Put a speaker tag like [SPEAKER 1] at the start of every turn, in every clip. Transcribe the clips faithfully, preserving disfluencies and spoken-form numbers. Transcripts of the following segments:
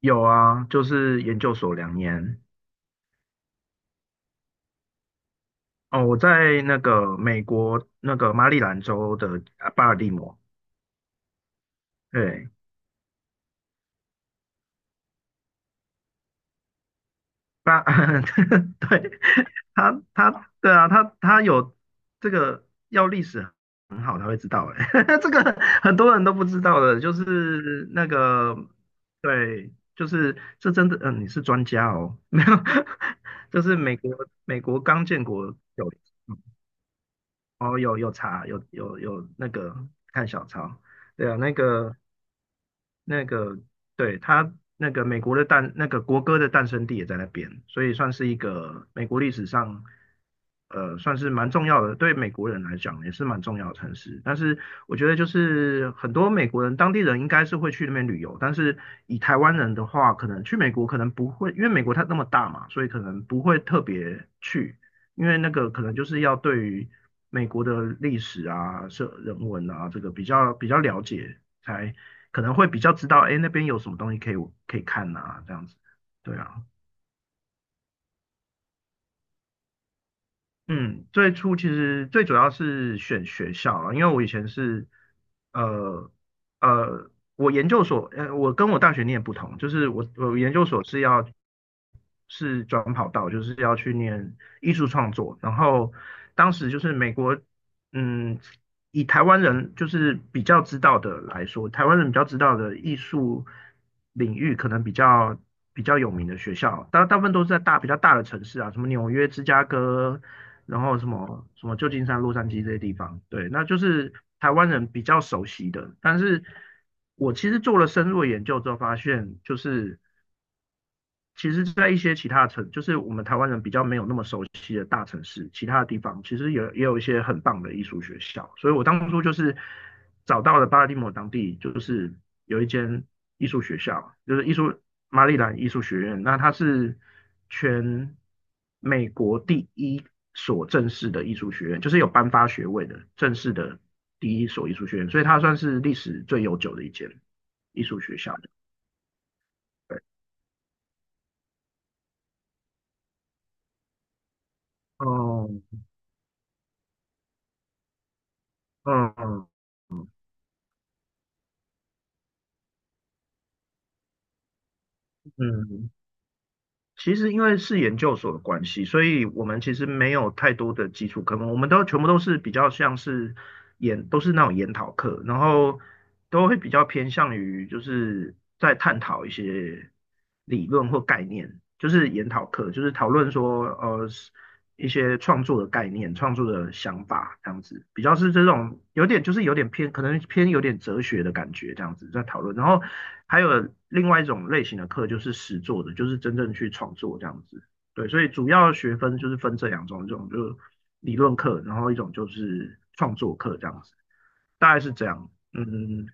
[SPEAKER 1] 有啊，就是研究所两年。哦，我在那个美国那个马里兰州的啊巴尔的摩，对，巴，对，他他对啊，他他有这个要历史很好才会知道，哎，这个很多人都不知道的，就是那个对，就是这真的，嗯、你是专家哦，没有，就是美国美国刚建国有。哦，有有查，有有有那个看小抄，对啊，那个那个对他那个美国的诞那个国歌的诞生地也在那边，所以算是一个美国历史上呃算是蛮重要的，对美国人来讲也是蛮重要的城市。但是我觉得就是很多美国人当地人应该是会去那边旅游，但是以台湾人的话，可能去美国可能不会，因为美国它那么大嘛，所以可能不会特别去，因为那个可能就是要对于美国的历史啊、社人文啊这个比较比较了解才。可能会比较知道，哎，那边有什么东西可以可以看呐、这样子。对啊，嗯，最初其实最主要是选学校了，因为我以前是，呃呃，我研究所，呃，我跟我大学念不同，就是我我研究所是要是转跑道，就是要去念艺术创作，然后当时就是美国，嗯，以台湾人就是比较知道的来说，台湾人比较知道的艺术领域，可能比较比较有名的学校，大大部分都是在大比较大的城市啊，什么纽约、芝加哥，然后什么什么旧金山、洛杉矶这些地方。对，那就是台湾人比较熟悉的。但是我其实做了深入的研究之后，发现就是其实，在一些其他城，就是我们台湾人比较没有那么熟悉的大城市，其他的地方其实也也有一些很棒的艺术学校。所以我当初就是找到了巴尔的摩当地，就是有一间艺术学校，就是艺术马里兰艺术学院。那它是全美国第一所正式的艺术学院，就是有颁发学位的正式的第一所艺术学院，所以它算是历史最悠久的一间艺术学校。对，哦，嗯。嗯，其实因为是研究所的关系，所以我们其实没有太多的基础科目，我们都全部都是比较像是研，都是那种研讨课，然后都会比较偏向于就是在探讨一些理论或概念，就是研讨课，就是讨论说呃一些创作的概念、创作的想法这样子，比较是这种有点就是有点偏，可能偏有点哲学的感觉这样子在讨论。然后还有另外一种类型的课就是实作的，就是真正去创作这样子。对，所以主要学分就是分这两种，一种就是理论课，然后一种就是创作课这样子，大概是这样。嗯嗯，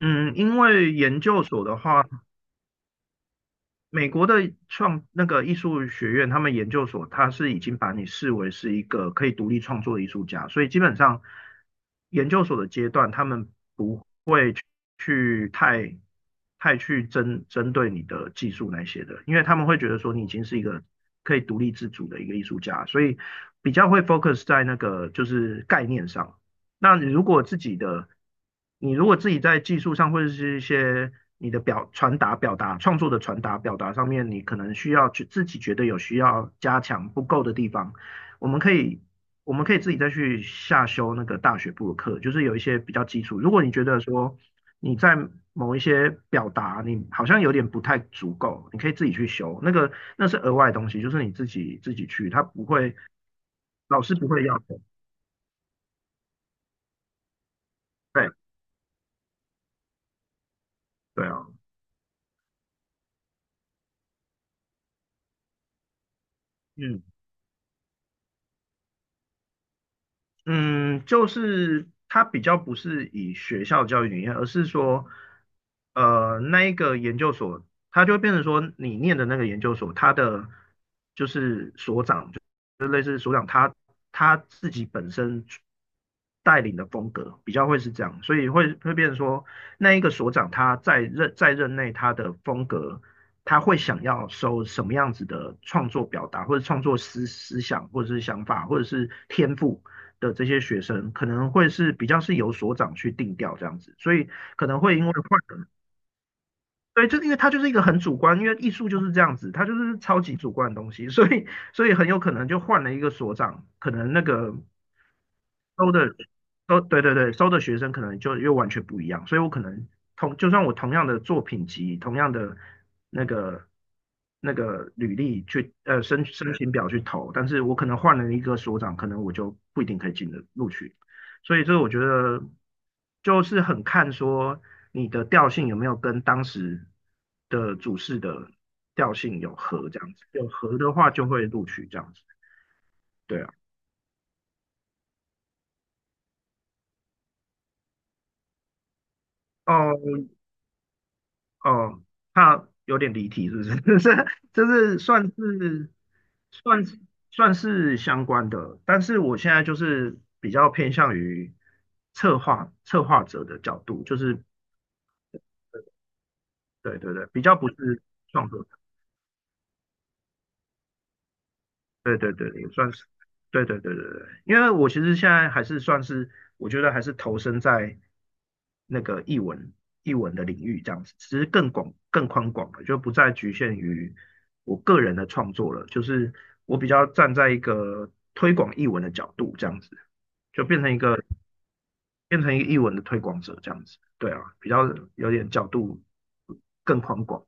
[SPEAKER 1] 嗯嗯因为研究所的话，美国的创那个艺术学院，他们研究所，他是已经把你视为是一个可以独立创作的艺术家，所以基本上研究所的阶段，他们会去太太去针针对你的技术那些的，因为他们会觉得说你已经是一个可以独立自主的一个艺术家，所以比较会 focus 在那个就是概念上。那你如果自己的，你如果自己在技术上或者是一些你的表传达、表达、创作的传达、表达上面，你可能需要去自己觉得有需要加强不够的地方。我们可以我们可以自己再去下修那个大学部的课，就是有一些比较基础。如果你觉得说你在某一些表达你好像有点不太足够，你可以自己去修，那个那是额外的东西，就是你自己自己去，他不会老师不会要求。对对啊，嗯嗯，就是它比较不是以学校教育理念，而是说。呃，那一个研究所，它就会变成说，你念的那个研究所，它的就是他自己本身带领的风格，比较会是这样，所以会会变成说，那一个所长他在任在任内他的风格，他会想要收什么样子的创作表达，或者创作思思想，或者是想法，或者是天赋。的这些学生可能会是比较是由所长去定调这样子，所以可能会因为换人对，就是因为他就是一个很主观，因为艺术就是这样子，他就是超级主观的东西，所以所以很有可能就换了一个所长，可能那个收的收对对对收的学生可能就又完全不一样，所以我可能同就算我同样的作品集、同样的那个那个履历去呃申申请表去投，但是我可能换了一个所长，可能我就不一定可以进的录取。所以这我觉得就是很看说你的调性有没有跟当时的主事的调性有合这样子，有合的话就会录取这样子。对啊。哦，哦，怕有点离题，是不是？这这是算是算是算是相关的，但是我现在就是比较偏向于策划策划者的角度，就是对对对，比较不是创作者。对对对，也算是，对对对对对，因为我其实现在还是算是，我觉得还是投身在那个译文译文的领域这样子，其实更广更宽广了，就不再局限于我个人的创作了，就是我比较站在一个推广译文的角度这样子，就变成一个变成一个译文的推广者这样子，对啊，比较有点角度更宽广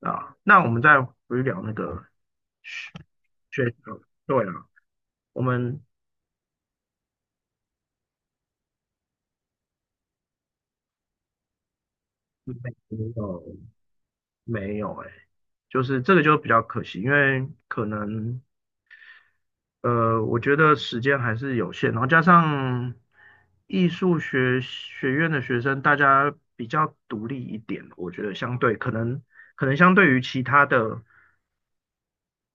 [SPEAKER 1] 啊。那我们再回去聊那个学，对啊。我们没有，没有哎、就是这个就比较可惜，因为可能呃，我觉得时间还是有限，然后加上艺术学学院的学生，大家比较独立一点，我觉得相对可能可能相对于其他的，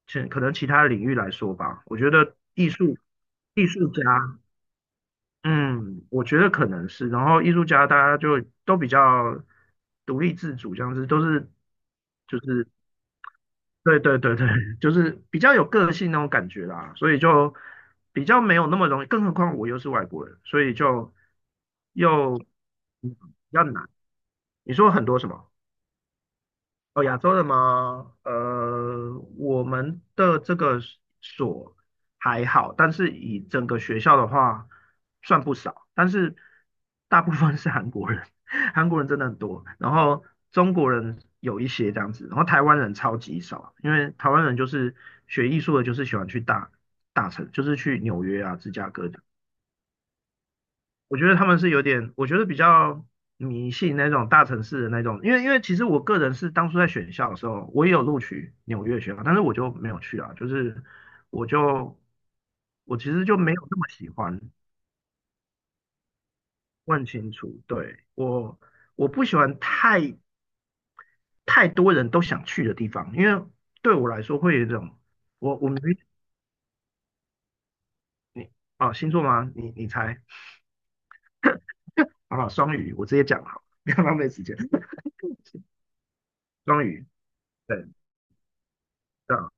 [SPEAKER 1] 其可能其他领域来说吧，我觉得艺术艺术家，嗯，我觉得可能是，然后艺术家大家就都比较独立自主，这样子都是。对对对对，就是比较有个性那种感觉啦，所以就比较没有那么容易，更何况我又是外国人，所以就又嗯比较难。你说很多什么？哦，亚洲的吗？呃，我们的这个所还好，但是以整个学校的话，算不少，但是大部分是韩国人，韩国人真的很多，然后中国人有一些这样子，然后台湾人超级少，因为台湾人就是学艺术的，就是喜欢去大大城，就是去纽约啊、芝加哥我觉得他们是有点，我觉得比较迷信那种大城市的那种，因为因为其实我个人是当初在选校的时候，我也有录取纽约学校，但是我就没有去啊，就是我就我其实就没有那么喜欢，问清楚，对，我我不喜欢太太多人都想去的地方，因为对我来说会有一种我我们你啊、星座吗？你你猜好不好？双鱼，我直接讲好，不要浪费时间，双鱼，对，这样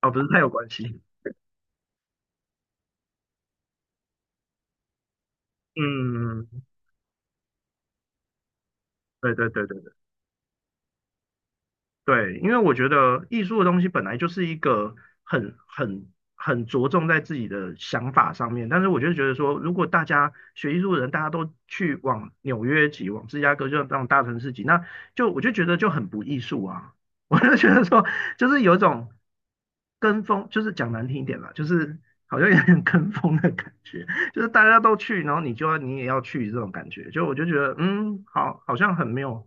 [SPEAKER 1] 啊哦，不是太有关系。嗯，对对对对对对，因为我觉得艺术的东西本来就是一个很很很着重在自己的想法上面，但是我就觉得说，如果大家学艺术的人，大家都去往纽约挤，往芝加哥就往大城市挤，那就我就觉得就很不艺术啊，我就觉得说，就是有一种跟风，就是讲难听一点啦，就是好像有点跟风的感觉，就是大家都去，然后你就要你也要去这种感觉，就我就觉得嗯，好，好像很没有。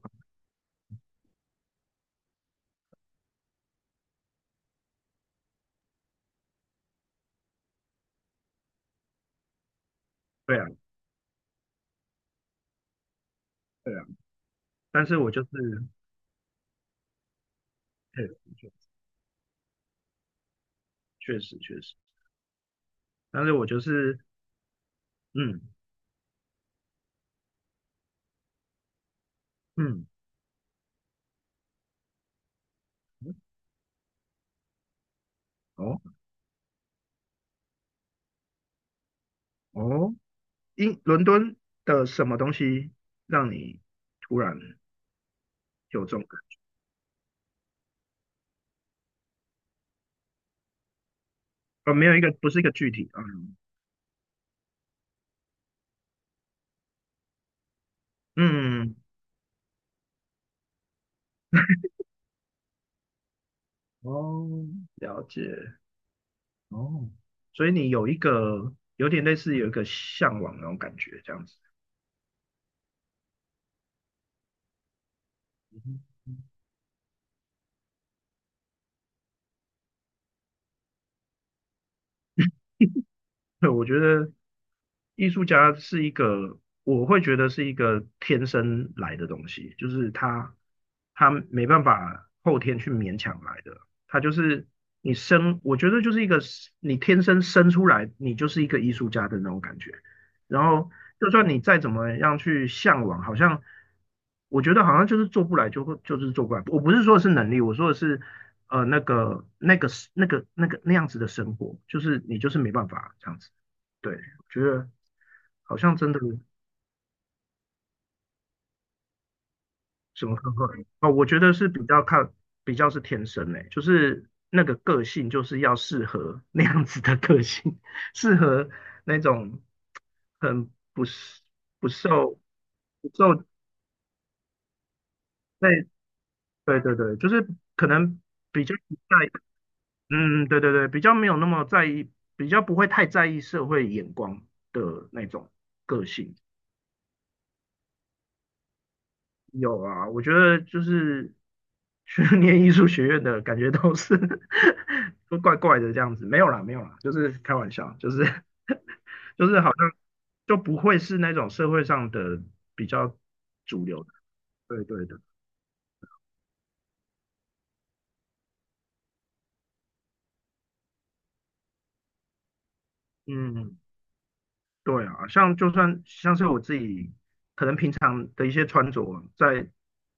[SPEAKER 1] 对啊。对啊，但是我就是，确实确实确实，但是我就是，嗯嗯，哦哦，英伦敦的什么东西让你突然有这种感？呃，没有一个，不是一个具体啊，嗯嗯，嗯哦，了解，哦，所以你有一个有点类似有一个向往那种感觉，这样子，嗯对，我觉得艺术家是一个，我会觉得是一个天生来的东西，就是他他没办法后天去勉强来的，他就是你生，我觉得就是一个你天生生出来，你就是一个艺术家的那种感觉。然后就算你再怎么样去向往，好像我觉得好像就是做不来就会就是做不来。我不是说的是能力，我说的是呃那个那个那个那个那样子的生活，就是你就是没办法这样子。对，我觉得好像真的什么课会哦，我觉得是比较看，比较是天生诶、就是那个个性就是要适合那样子的个性，适合那种很不是不受不受在对对对，就是可能比较不在意嗯对对对，比较没有那么在意，比较不会太在意社会眼光的那种个性。有啊，我觉得就是去 念艺术学院的感觉都是 都怪怪的这样子，没有啦，没有啦，就是开玩笑，就是 就是好像就不会是那种社会上的比较主流的，对对的，嗯。对啊，像就算像是我自己，可能平常的一些穿着，在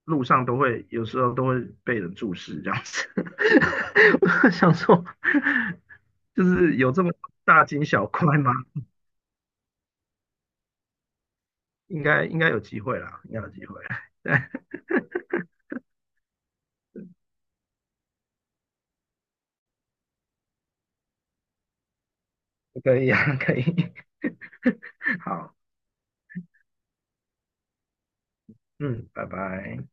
[SPEAKER 1] 路上都会有时候都会被人注视这样子。我就想说，就是有这么大惊小怪吗？应该应该有机会啦，应该有机会。对，可以啊，可以。好，嗯，拜拜。